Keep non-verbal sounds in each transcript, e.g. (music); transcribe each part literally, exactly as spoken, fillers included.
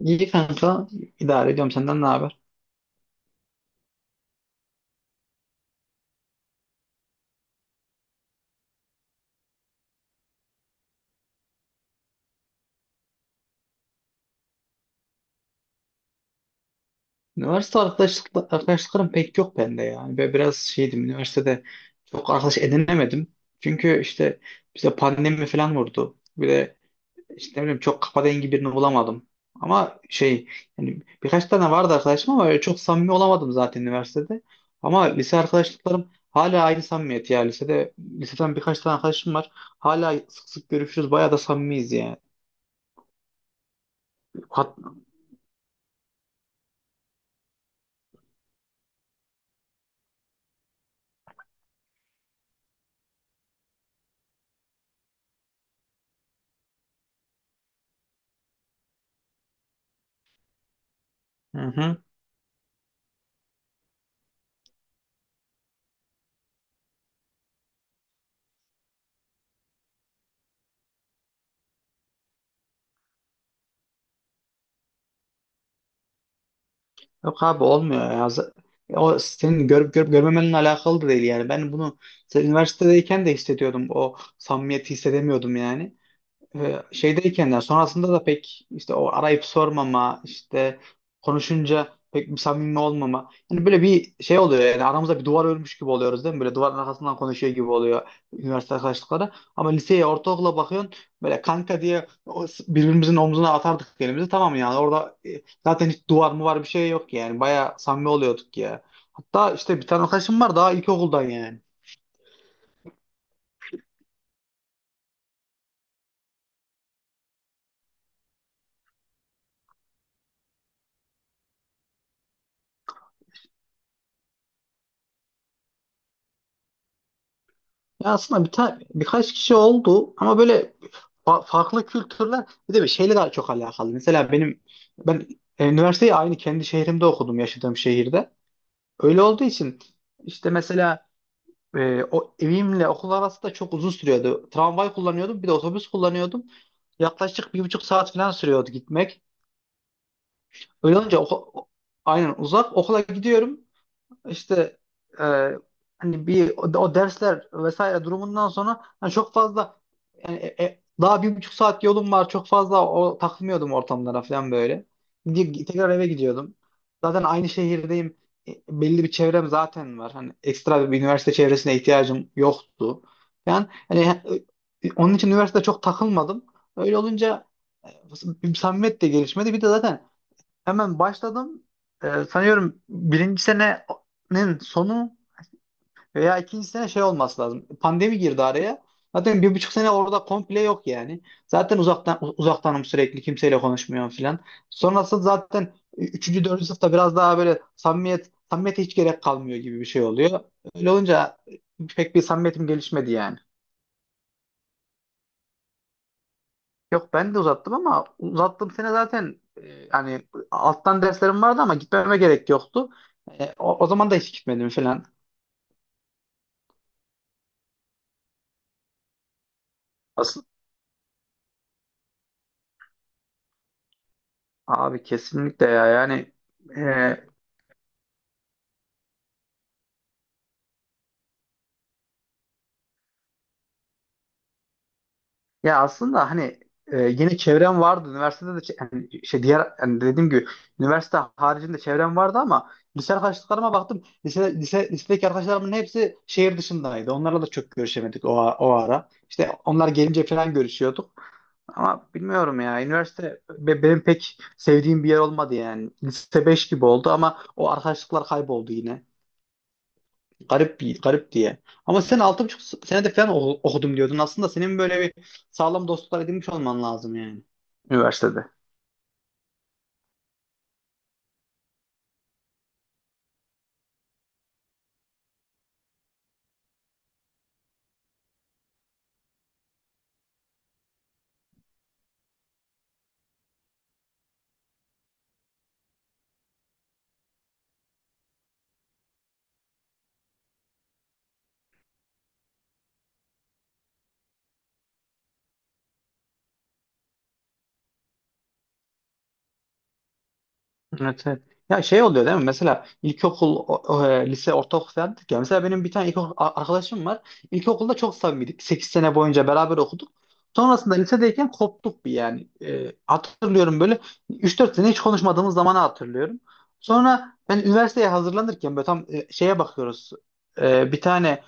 İyi kanka idare ediyorum senden ne haber? Üniversite arkadaşlık, arkadaşlıklarım pek yok bende yani. Ve biraz şeydim üniversitede çok arkadaş edinemedim. Çünkü işte bize pandemi falan vurdu. Bir de işte ne bileyim çok kafa dengi birini bulamadım. Ama şey yani birkaç tane vardı arkadaşım ama öyle çok samimi olamadım zaten üniversitede. Ama lise arkadaşlıklarım hala aynı samimiyet ya. Lisede, liseden birkaç tane arkadaşım var. Hala sık sık görüşürüz. Bayağı da samimiyiz yani. Hat- Hı hı. Yok abi olmuyor ya. Z- O senin görüp görüp görmemenle alakalı da değil yani. Ben bunu üniversitedeyken de hissediyordum. O samimiyeti hissedemiyordum yani e, şeydeyken yani sonrasında da pek işte o arayıp sormama işte konuşunca pek bir samimi olmama yani böyle bir şey oluyor yani aramızda bir duvar örmüş gibi oluyoruz değil mi, böyle duvarın arkasından konuşuyor gibi oluyor üniversite arkadaşlıkları. Ama liseye ortaokula bakıyorsun böyle kanka diye o s- birbirimizin omzuna atardık elimizi, tamam yani orada, e, zaten hiç duvar mı var, bir şey yok yani baya samimi oluyorduk ya. Hatta işte bir tane arkadaşım var daha ilkokuldan yani. Ya aslında bir tane birkaç kişi oldu ama böyle fa- farklı kültürler, bir de bir şeyle daha çok alakalı. Mesela benim ben e, üniversiteyi aynı kendi şehrimde okudum, yaşadığım şehirde. Öyle olduğu için işte mesela e, o evimle okul arası da çok uzun sürüyordu. Tramvay kullanıyordum, bir de otobüs kullanıyordum. Yaklaşık bir buçuk saat falan sürüyordu gitmek. Öyle olunca oku- aynen uzak okula gidiyorum. İşte e, hani bir o, o dersler vesaire durumundan sonra hani çok fazla yani, e, e, daha bir buçuk saat yolum var, çok fazla o takılmıyordum ortamlara falan böyle. Gidip tekrar eve gidiyordum. Zaten aynı şehirdeyim. E, Belli bir çevrem zaten var. Hani ekstra bir üniversite çevresine ihtiyacım yoktu. Yani hani e, onun için üniversitede çok takılmadım. Öyle olunca e, samimiyet de gelişmedi. Bir de zaten hemen başladım. Ee, sanıyorum birinci senenin sonu veya ikinci sene şey olması lazım. Pandemi girdi araya. Zaten bir buçuk sene orada komple yok yani. Zaten uzaktan u- uzaktanım, sürekli kimseyle konuşmuyorum filan. Sonrasında zaten üçüncü, dördüncü sınıfta biraz daha böyle samimiyet, samimiyete hiç gerek kalmıyor gibi bir şey oluyor. Öyle olunca pek bir samimiyetim gelişmedi yani. Yok ben de uzattım ama uzattığım sene zaten, e, hani alttan derslerim vardı ama gitmeme gerek yoktu. E, o, o zaman da hiç gitmedim falan. Asıl, Abi kesinlikle ya yani, e, ya aslında hani, e, yine çevrem vardı. Üniversitede de çe- hani şey, diğer hani dediğim gibi üniversite haricinde çevrem vardı ama lise arkadaşlarıma baktım. Lise, lise, lisedeki arkadaşlarımın hepsi şehir dışındaydı. Onlarla da çok görüşemedik o, o ara. İşte onlar gelince falan görüşüyorduk. Ama bilmiyorum ya. Üniversite be- benim pek sevdiğim bir yer olmadı yani. Lise beş gibi oldu ama o arkadaşlıklar kayboldu yine. Garip, bir garip diye. Ama sen altı buçuk senede falan o- okudum diyordun. Aslında senin böyle bir sağlam dostluklar edinmiş olman lazım yani üniversitede. Evet, evet. Ya şey oluyor değil mi? Mesela ilkokul, o- o, e, lise, ortaokul falan dedik ya. Mesela benim bir tane ilkokul a- arkadaşım var. İlkokulda çok samimiydik. Sekiz sene boyunca beraber okuduk. Sonrasında lisedeyken koptuk bir yani. E, hatırlıyorum böyle üç dört sene hiç konuşmadığımız zamanı hatırlıyorum. Sonra ben üniversiteye hazırlanırken böyle tam, e, şeye bakıyoruz. E, bir tane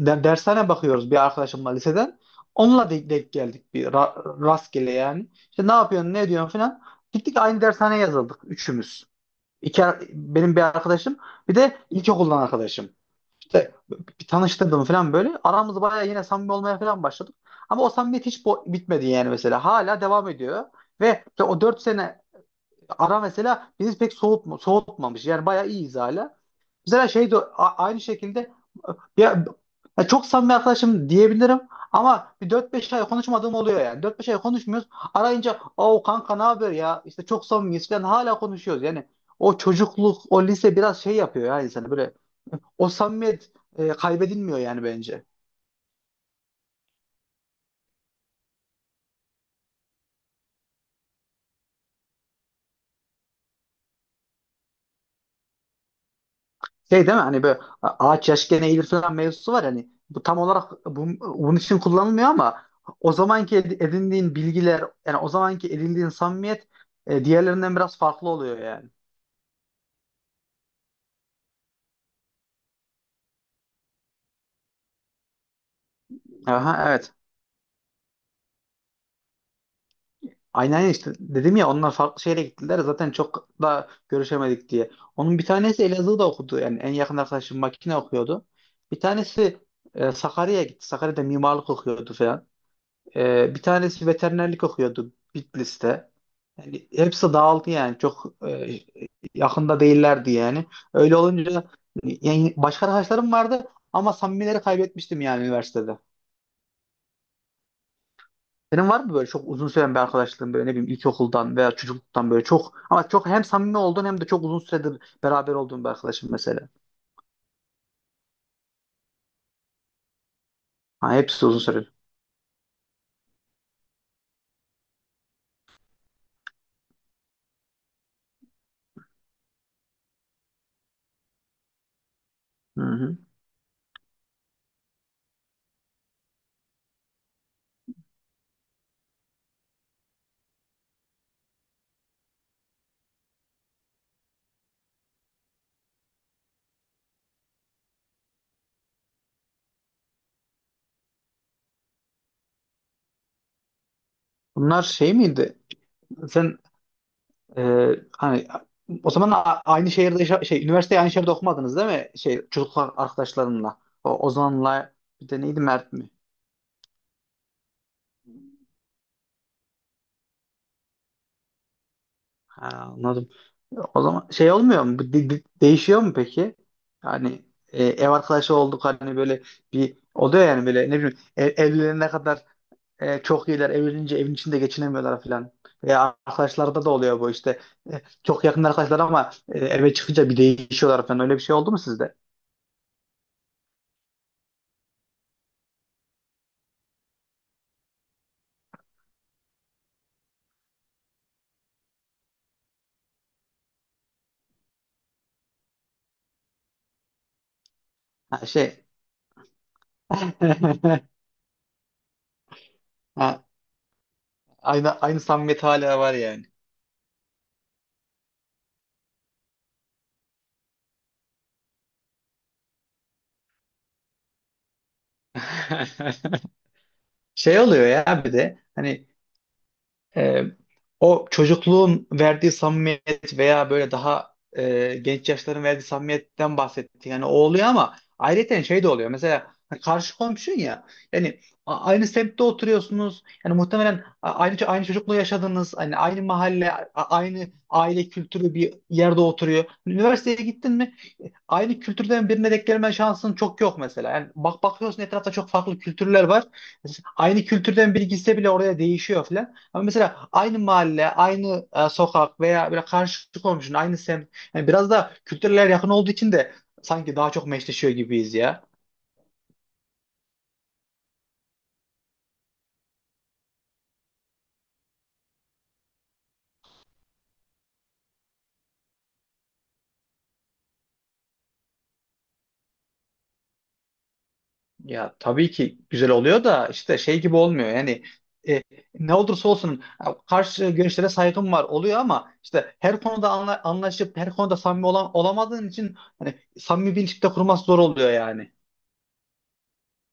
de- dershane bakıyoruz bir arkadaşımla liseden. Onunla denk denk geldik bir ra- rastgele yani. İşte ne yapıyorsun, ne ediyorsun falan. Gittik aynı dershaneye yazıldık üçümüz. İki, ar- benim bir arkadaşım, bir de ilkokuldan arkadaşım. İşte bir tanıştırdım falan böyle. Aramız bayağı yine samimi olmaya falan başladık. Ama o samimiyet hiç bo- bitmedi yani mesela. Hala devam ediyor. Ve işte o dört sene ara mesela bizi pek soğutma, soğutmamış. Yani bayağı iyiyiz hala. Mesela şey de a- aynı şekilde, ya, ya çok samimi arkadaşım diyebilirim ama bir dört beş ay konuşmadığım oluyor yani. Dört beş ay konuşmuyoruz. Arayınca o, kanka ne haber ya? İşte çok samimiyiz falan, hala konuşuyoruz. Yani o çocukluk, o lise biraz şey yapıyor ya insanı, böyle o samimiyet e, kaybedilmiyor yani bence. Şey değil mi hani, böyle ağaç yaşken eğilir falan mevzusu var hani, bu tam olarak bu, bunun için kullanılmıyor ama o zamanki ed- edindiğin bilgiler, yani o zamanki edindiğin samimiyet e, diğerlerinden biraz farklı oluyor yani. Aha evet. Aynen aynen, işte dedim ya onlar farklı şehre gittiler zaten, çok da görüşemedik diye. Onun bir tanesi Elazığ'da okudu yani, en yakın arkadaşım makine okuyordu. Bir tanesi e, Sakarya'ya gitti. Sakarya'da mimarlık okuyordu falan. E, bir tanesi veterinerlik okuyordu Bitlis'te. Yani hepsi dağıldı yani, çok e, yakında değillerdi yani. Öyle olunca yani başka arkadaşlarım vardı ama samimileri kaybetmiştim yani üniversitede. Senin var mı böyle çok uzun süren bir arkadaşlığın, böyle ne bileyim ilkokuldan veya çocukluktan, böyle çok ama çok hem samimi olduğun hem de çok uzun süredir beraber olduğun bir arkadaşın mesela? Ha, hepsi uzun süredir. Hı hı. Bunlar şey miydi? Sen, Ee, hani o zaman a- aynı şehirde yaşa- şey, üniversiteyi aynı şehirde okumadınız değil mi? Şey çocukluk arkadaşlarınla. O Ozan'la, bir de neydi, Mert mi? Ha, anladım. O zaman şey olmuyor mu? Bu de- de- değişiyor mu peki? Yani e, ev arkadaşı olduk hani, böyle bir oluyor yani, böyle ne bileyim ev, evlenene kadar e, çok iyiler, evlenince evin içinde geçinemiyorlar falan. Veya arkadaşlarda da oluyor bu işte. E, çok yakın arkadaşlar ama e, eve çıkınca bir değişiyorlar falan. Öyle bir şey oldu mu sizde? Ha, şey (laughs) ha, aynı aynı samimiyet hala var yani. (laughs) Şey oluyor ya bir de hani, e, o çocukluğun verdiği samimiyet veya böyle daha e, genç yaşların verdiği samimiyetten bahsettik. Yani o oluyor ama ayrıca şey de oluyor. Mesela hani karşı komşun ya. Yani a- aynı semtte oturuyorsunuz. Yani muhtemelen a- aynı aynı çocukluğu yaşadınız. Hani aynı mahalle, a- aynı aile kültürü bir yerde oturuyor. Üniversiteye gittin mi aynı kültürden birine denk gelme şansın çok yok mesela. Yani bak bakıyorsun etrafta çok farklı kültürler var. Mesela aynı kültürden biri gitse bile oraya değişiyor falan. Ama mesela aynı mahalle, aynı e, sokak veya böyle karşı komşunun aynı semt. Yani biraz da kültürler yakın olduğu için de sanki daha çok meşleşiyor gibiyiz ya. Ya tabii ki güzel oluyor da işte şey gibi olmuyor yani, e, ne olursa olsun ya, karşı görüşlere saygım var oluyor ama işte her konuda anla- anlaşıp her konuda samimi olan, olamadığın için hani samimi bir ilişki de kurması zor oluyor yani.